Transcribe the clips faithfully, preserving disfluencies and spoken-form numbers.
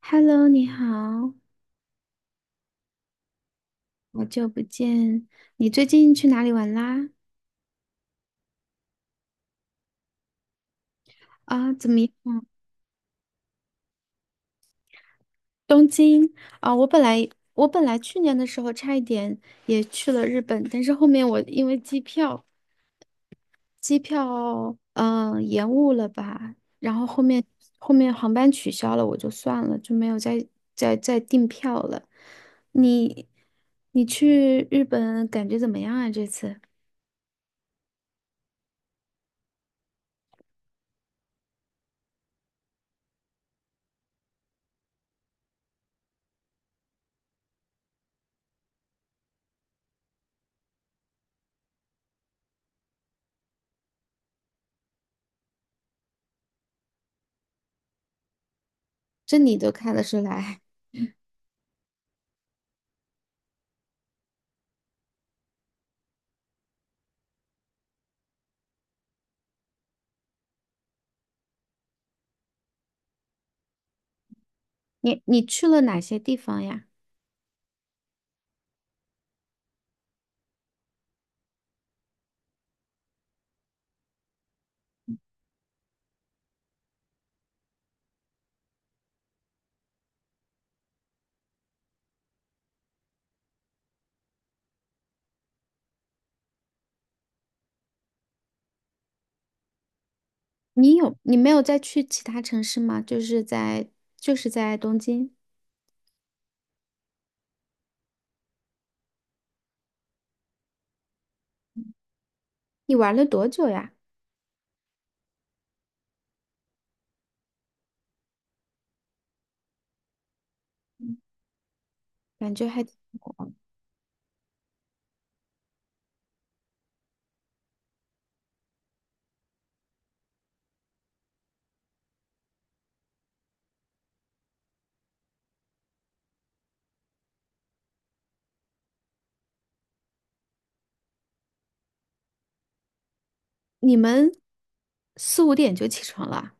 Hello，你好，好久不见。你最近去哪里玩啦？啊，怎么样？东京啊，我本来我本来去年的时候差一点也去了日本，但是后面我因为机票机票嗯、呃延误了吧，然后后面后面航班取消了，我就算了，就没有再再再订票了。你你去日本感觉怎么样啊？这次这你都看得出来，你你去了哪些地方呀？你有，你没有再去其他城市吗？就是在，就是在东京。你玩了多久呀？感觉还挺，你们四五点就起床了啊。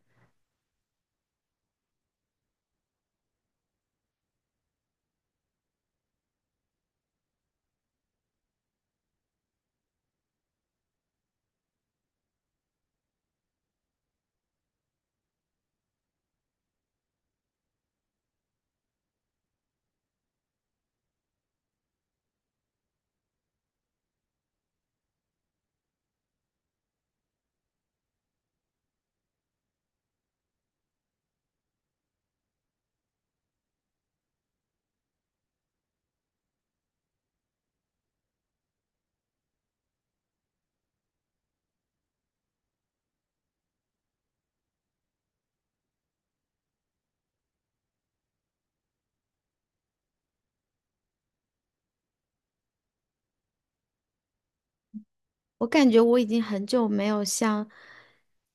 我感觉我已经很久没有像，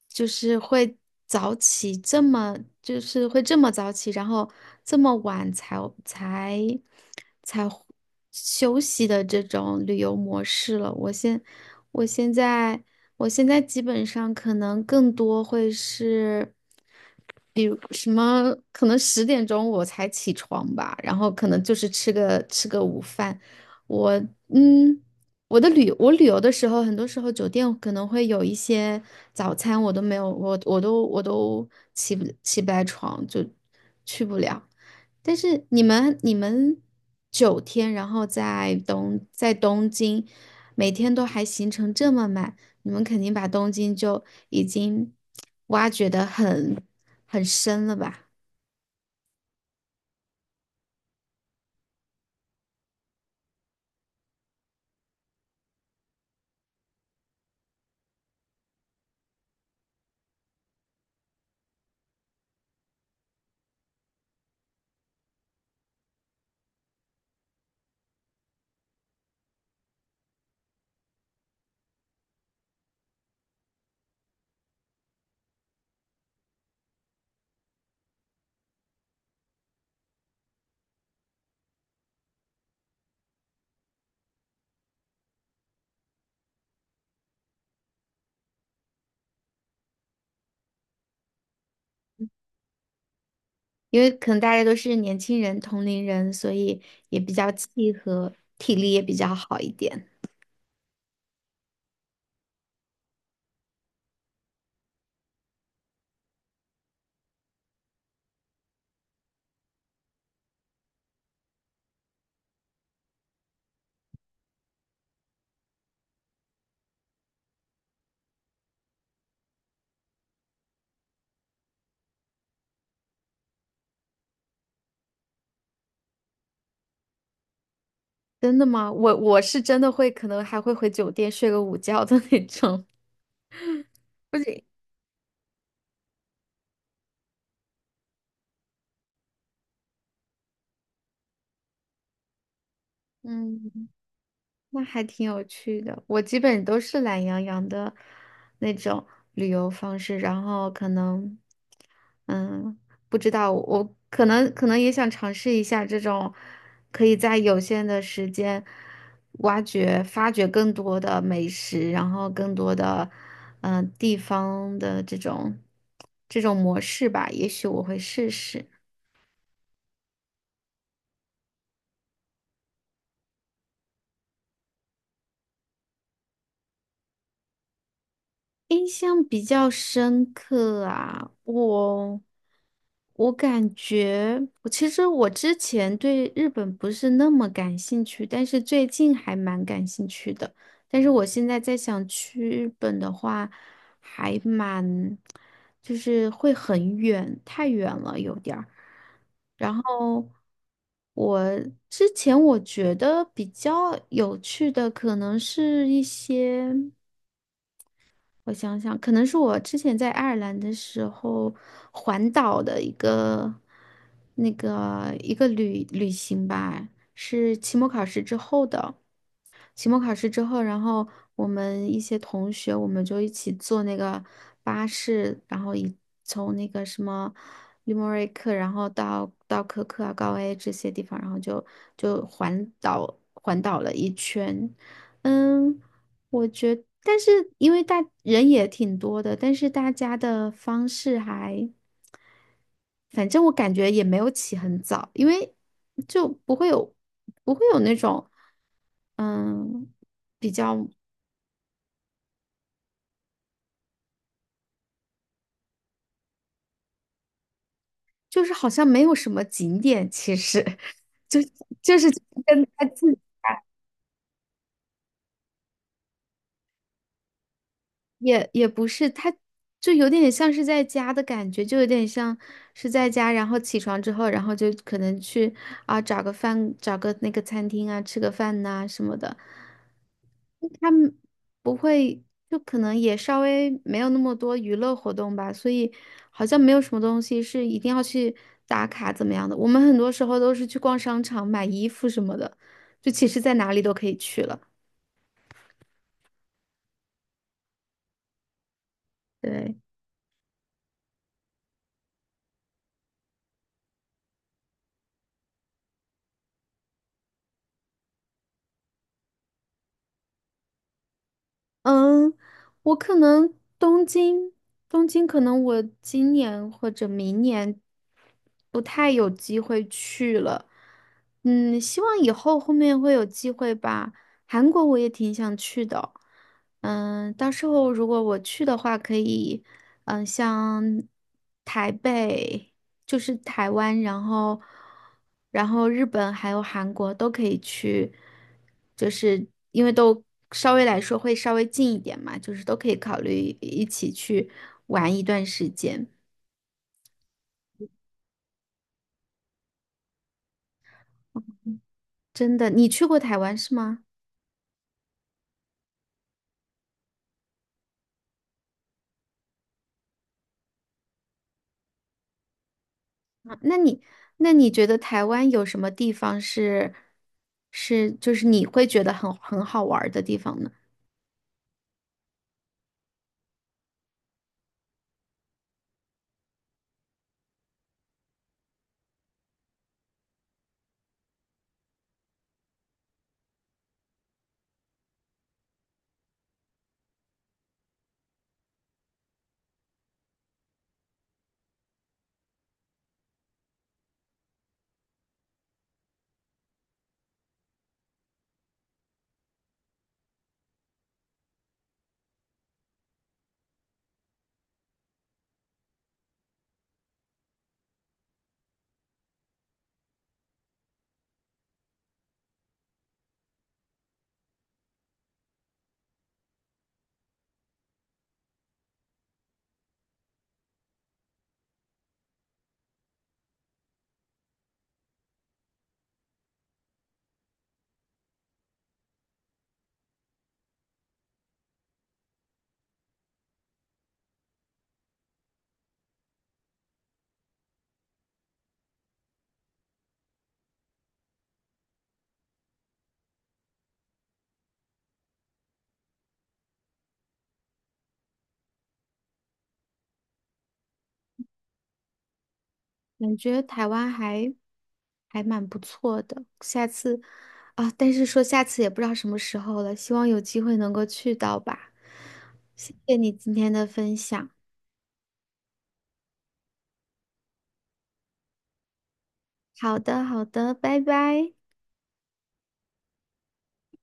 就是会早起这么，就是会这么早起，然后这么晚才才才休息的这种旅游模式了。我现我现在我现在基本上可能更多会是，比如什么，可能十点钟我才起床吧，然后可能就是吃个吃个午饭，我嗯。我的旅我旅游的时候，很多时候酒店可能会有一些早餐，我都没有，我我都我都起不起不来床，就去不了。但是你们你们九天，然后在东在东京，每天都还行程这么满，你们肯定把东京就已经挖掘得很很深了吧？因为可能大家都是年轻人、同龄人，所以也比较契合，体力也比较好一点。真的吗？我我是真的会，可能还会回酒店睡个午觉的那种。不行，嗯，那还挺有趣的。我基本都是懒洋洋的那种旅游方式，然后可能，嗯，不知道，我可能可能也想尝试一下这种，可以在有限的时间挖掘、发掘更多的美食，然后更多的，嗯、地方的这种这种模式吧。也许我会试试。印象比较深刻啊，我我感觉，我其实我之前对日本不是那么感兴趣，但是最近还蛮感兴趣的。但是我现在在想去日本的话，还蛮，就是会很远，太远了有点儿。然后我之前我觉得比较有趣的可能是一些。我想想，可能是我之前在爱尔兰的时候环岛的一个那个一个旅旅行吧，是期末考试之后的。期末考试之后，然后我们一些同学，我们就一起坐那个巴士，然后一从那个什么利莫瑞克，然后到到科克啊、高 A 这些地方，然后就就环岛环岛了一圈。嗯，我觉得，但是因为大人也挺多的，但是大家的方式还，反正我感觉也没有起很早，因为就不会有不会有那种，嗯，就是好像没有什么景点，其实 就就是跟他自也也不是，他就有点像是在家的感觉，就有点像是在家，然后起床之后，然后就可能去啊找个饭，找个那个餐厅啊，吃个饭呐、什么的。他们不会，就可能也稍微没有那么多娱乐活动吧，所以好像没有什么东西是一定要去打卡怎么样的。我们很多时候都是去逛商场买衣服什么的，就其实在哪里都可以去了。对。嗯，我可能东京，东京可能我今年或者明年不太有机会去了。嗯，希望以后后面会有机会吧。韩国我也挺想去的，嗯，到时候如果我去的话，可以。嗯、呃像台北，就是台湾，然后然后日本还有韩国都可以去，就是因为都稍微来说会稍微近一点嘛，就是都可以考虑一起去玩一段时间。真的，你去过台湾是吗？啊那你那你觉得台湾有什么地方是是就是你会觉得很很好玩儿的地方呢？感觉台湾还还蛮不错的，下次啊，但是说下次也不知道什么时候了，希望有机会能够去到吧。谢谢你今天的分享。好的，好的，拜拜。